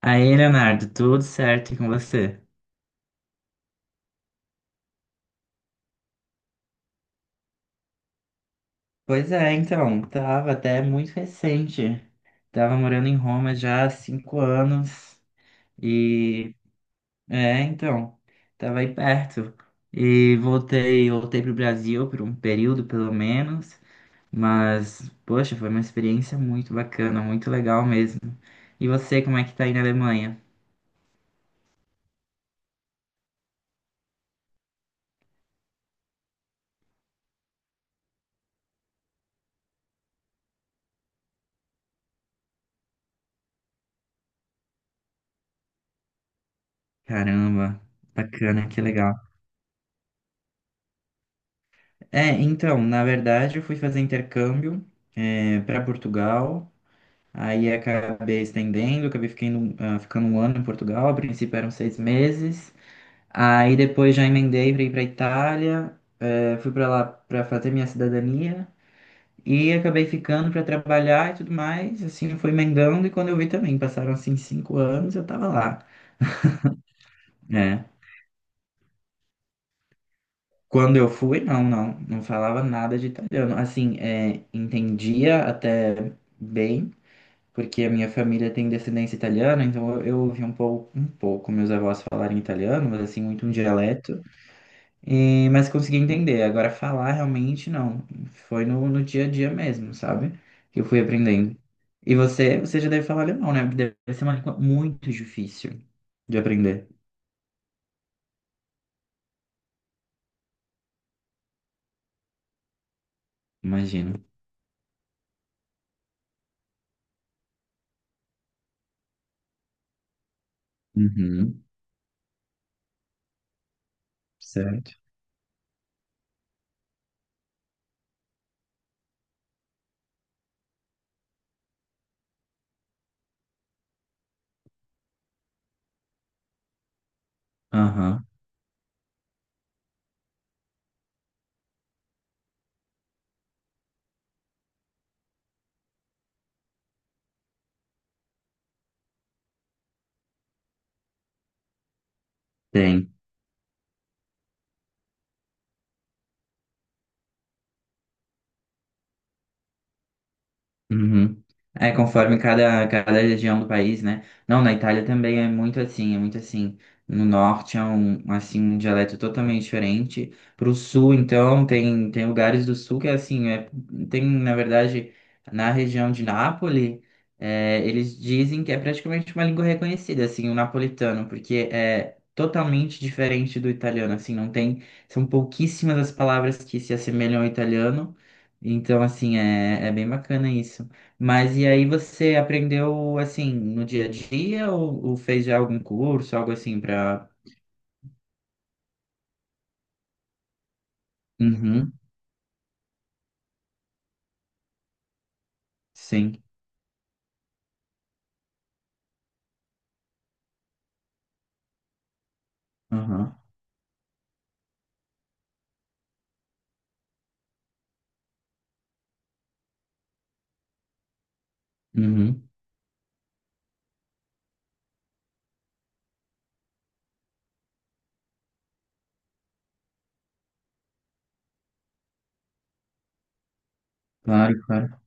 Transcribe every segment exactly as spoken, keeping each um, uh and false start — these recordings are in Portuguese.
Aí, Leonardo, tudo certo e com você? Pois é, então, tava até muito recente. Tava morando em Roma já há cinco anos e é, então, tava aí perto. E voltei, voltei pro Brasil por um período pelo menos, mas poxa, foi uma experiência muito bacana, muito legal mesmo. E você, como é que tá aí na Alemanha? Caramba, bacana, que legal. É, então, na verdade, eu fui fazer intercâmbio para Portugal, aí acabei estendendo, acabei ficando, ah, ficando um ano em Portugal, a princípio eram seis meses, aí depois já emendei para ir para Itália, eh, fui para lá para fazer minha cidadania e acabei ficando para trabalhar e tudo mais, assim, fui emendando e quando eu vi também, passaram assim cinco anos, eu tava lá, né? Quando eu fui, não, não, não falava nada de italiano, assim, eh, entendia até bem, porque a minha família tem descendência italiana, então eu, eu ouvi um pouco, um pouco meus avós falarem italiano, mas assim, muito um dialeto, e, mas consegui entender. Agora, falar realmente não, foi no, no dia a dia mesmo, sabe? Que eu fui aprendendo. E você, você já deve falar alemão, né? Porque deve ser uma língua muito difícil de aprender, imagino. Uhum, certo. Aham, tem. Uhum. É, conforme cada, cada região do país, né? Não, na Itália também é muito assim, é muito assim. No norte é um, assim, um dialeto totalmente diferente. Pro sul, então, tem, tem lugares do sul que é assim, é, tem, na verdade, na região de Nápoles, é, eles dizem que é praticamente uma língua reconhecida, assim, o napolitano, porque é totalmente diferente do italiano, assim, não tem, são pouquíssimas as palavras que se assemelham ao italiano. Então, assim, é, é bem bacana isso. Mas e aí você aprendeu, assim, no dia a dia ou, ou fez já algum curso, algo assim pra... Uhum, sim. Aham. Uhum. Claro, claro.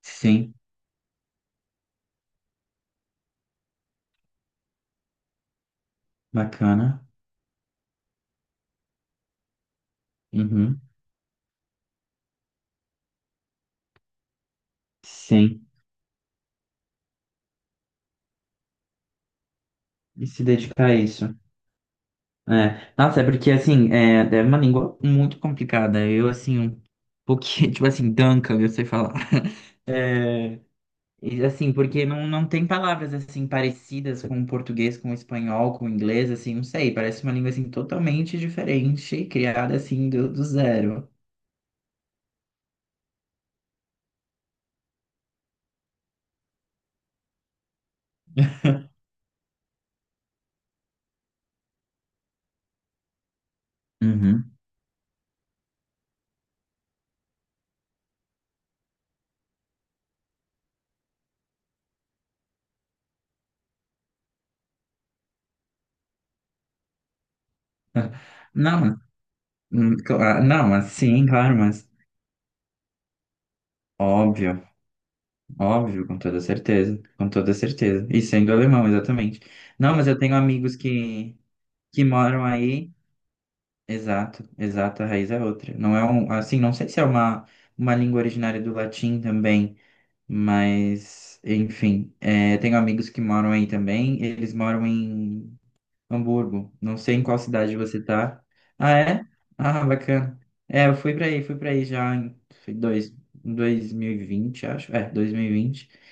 Sim. Bacana. Uhum. Sim. E se dedicar a isso. É. Nossa, é porque, assim, é, é uma língua muito complicada. Eu, assim, um pouquinho, tipo assim, danca, eu sei falar. É, e, assim, porque não, não tem palavras assim parecidas com o português, com o espanhol, com o inglês, assim, não sei, parece uma língua assim totalmente diferente, criada assim do, do zero. Uhum. Não, hum, cla- não, assim, claro, mas óbvio, óbvio, com toda certeza, com toda certeza. E sendo alemão, exatamente. Não, mas eu tenho amigos que, que moram aí, exato, exato, a raiz é outra. Não é um, assim, não sei se é uma, uma língua originária do latim também. Mas, enfim, é, tenho amigos que moram aí também. Eles moram em Hamburgo. Não sei em qual cidade você tá. Ah, é? Ah, bacana. É, eu fui pra aí, fui pra aí já em foi dois, 2020, acho. É, dois mil e vinte. E vinte.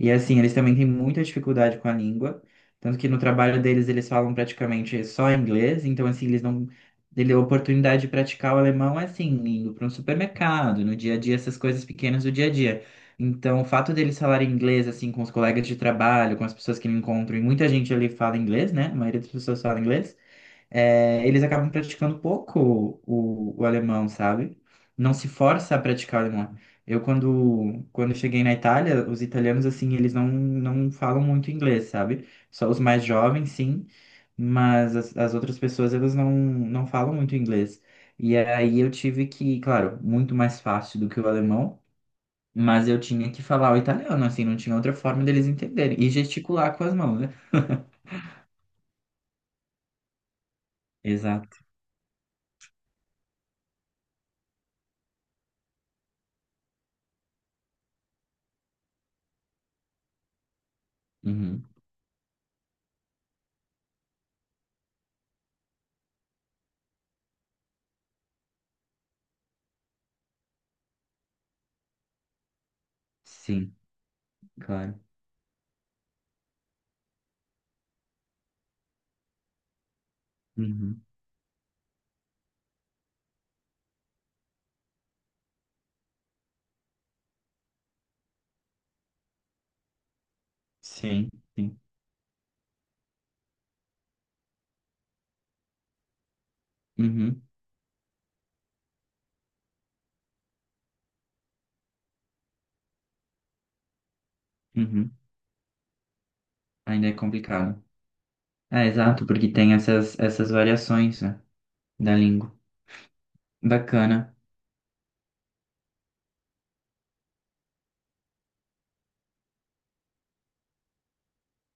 E assim, eles também têm muita dificuldade com a língua. Tanto que no trabalho deles eles falam praticamente só inglês. Então, assim, eles não. Ele, a oportunidade de praticar o alemão é assim, indo para um supermercado, no dia a dia, essas coisas pequenas do dia a dia. Então, o fato deles falarem inglês, assim, com os colegas de trabalho, com as pessoas que me encontram, e muita gente ali fala inglês, né? A maioria das pessoas fala inglês, é, eles acabam praticando pouco o, o alemão, sabe? Não se força a praticar o alemão. Eu, quando, quando cheguei na Itália, os italianos, assim, eles não, não falam muito inglês, sabe? Só os mais jovens, sim, mas as, as outras pessoas, elas não, não falam muito inglês. E aí eu tive que, claro, muito mais fácil do que o alemão, mas eu tinha que falar o italiano, assim, não tinha outra forma deles entenderem. E gesticular com as mãos, né? Exato. Uhum. Sim, claro. Uhum. Sim, sim. Uhum. Uhum. Ainda é complicado. É, exato, porque tem essas, essas variações, né, da língua. Bacana.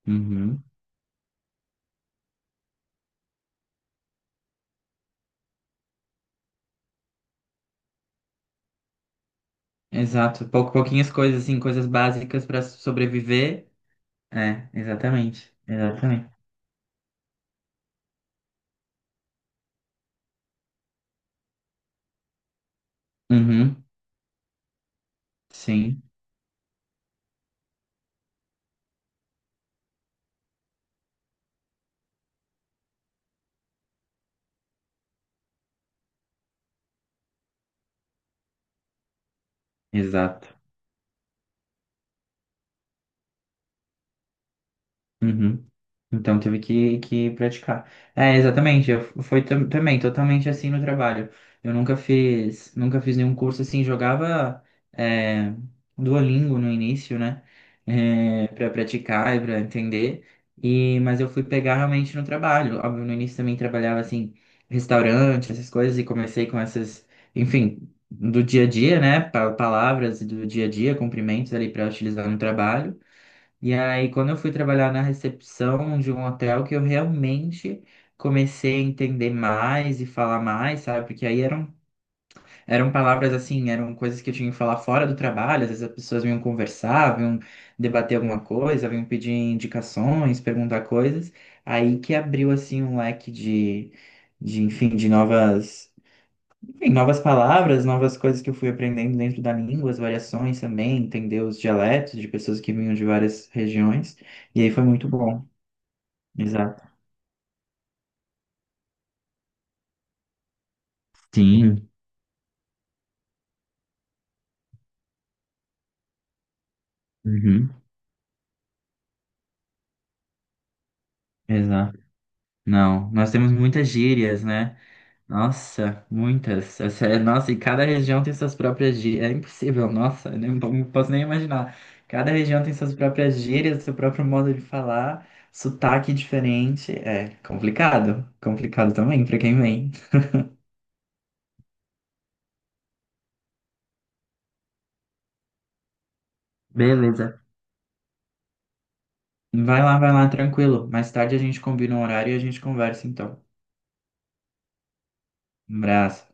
Uhum. Exato. Pou, pouquinhas coisas, assim, coisas básicas para sobreviver. É, exatamente. Exatamente. Uhum. Sim, exato. Uhum. Então teve que, que praticar. É, exatamente. Eu f- foi tam- também totalmente assim no trabalho. Eu nunca fiz, nunca fiz nenhum curso assim. Jogava é, Duolingo no início, né? É, para praticar e para entender. E mas eu fui pegar realmente no trabalho. Óbvio, no início também trabalhava assim restaurante, essas coisas e comecei com essas, enfim, do dia a dia, né? Pa- Palavras do dia a dia, cumprimentos ali para utilizar no trabalho. E aí, quando eu fui trabalhar na recepção de um hotel, que eu realmente comecei a entender mais e falar mais, sabe? Porque aí eram, eram palavras assim, eram coisas que eu tinha que falar fora do trabalho. Às vezes as pessoas vinham conversar, vinham debater alguma coisa, vinham pedir indicações, perguntar coisas. Aí que abriu assim um leque de, de enfim, de novas. Enfim, novas palavras, novas coisas que eu fui aprendendo dentro da língua, as variações também, entender os dialetos de pessoas que vinham de várias regiões. E aí foi muito bom. Exato. Sim. Uhum. Exato. Não, nós temos muitas gírias, né? Nossa, muitas. Essa é- Nossa, e cada região tem suas próprias gírias. É impossível, nossa, eu nem- não posso nem imaginar. Cada região tem suas próprias gírias, seu próprio modo de falar, sotaque diferente. É complicado. Complicado também para quem vem. Beleza. Vai lá, vai lá, tranquilo. Mais tarde a gente combina um horário e a gente conversa então. Um abraço.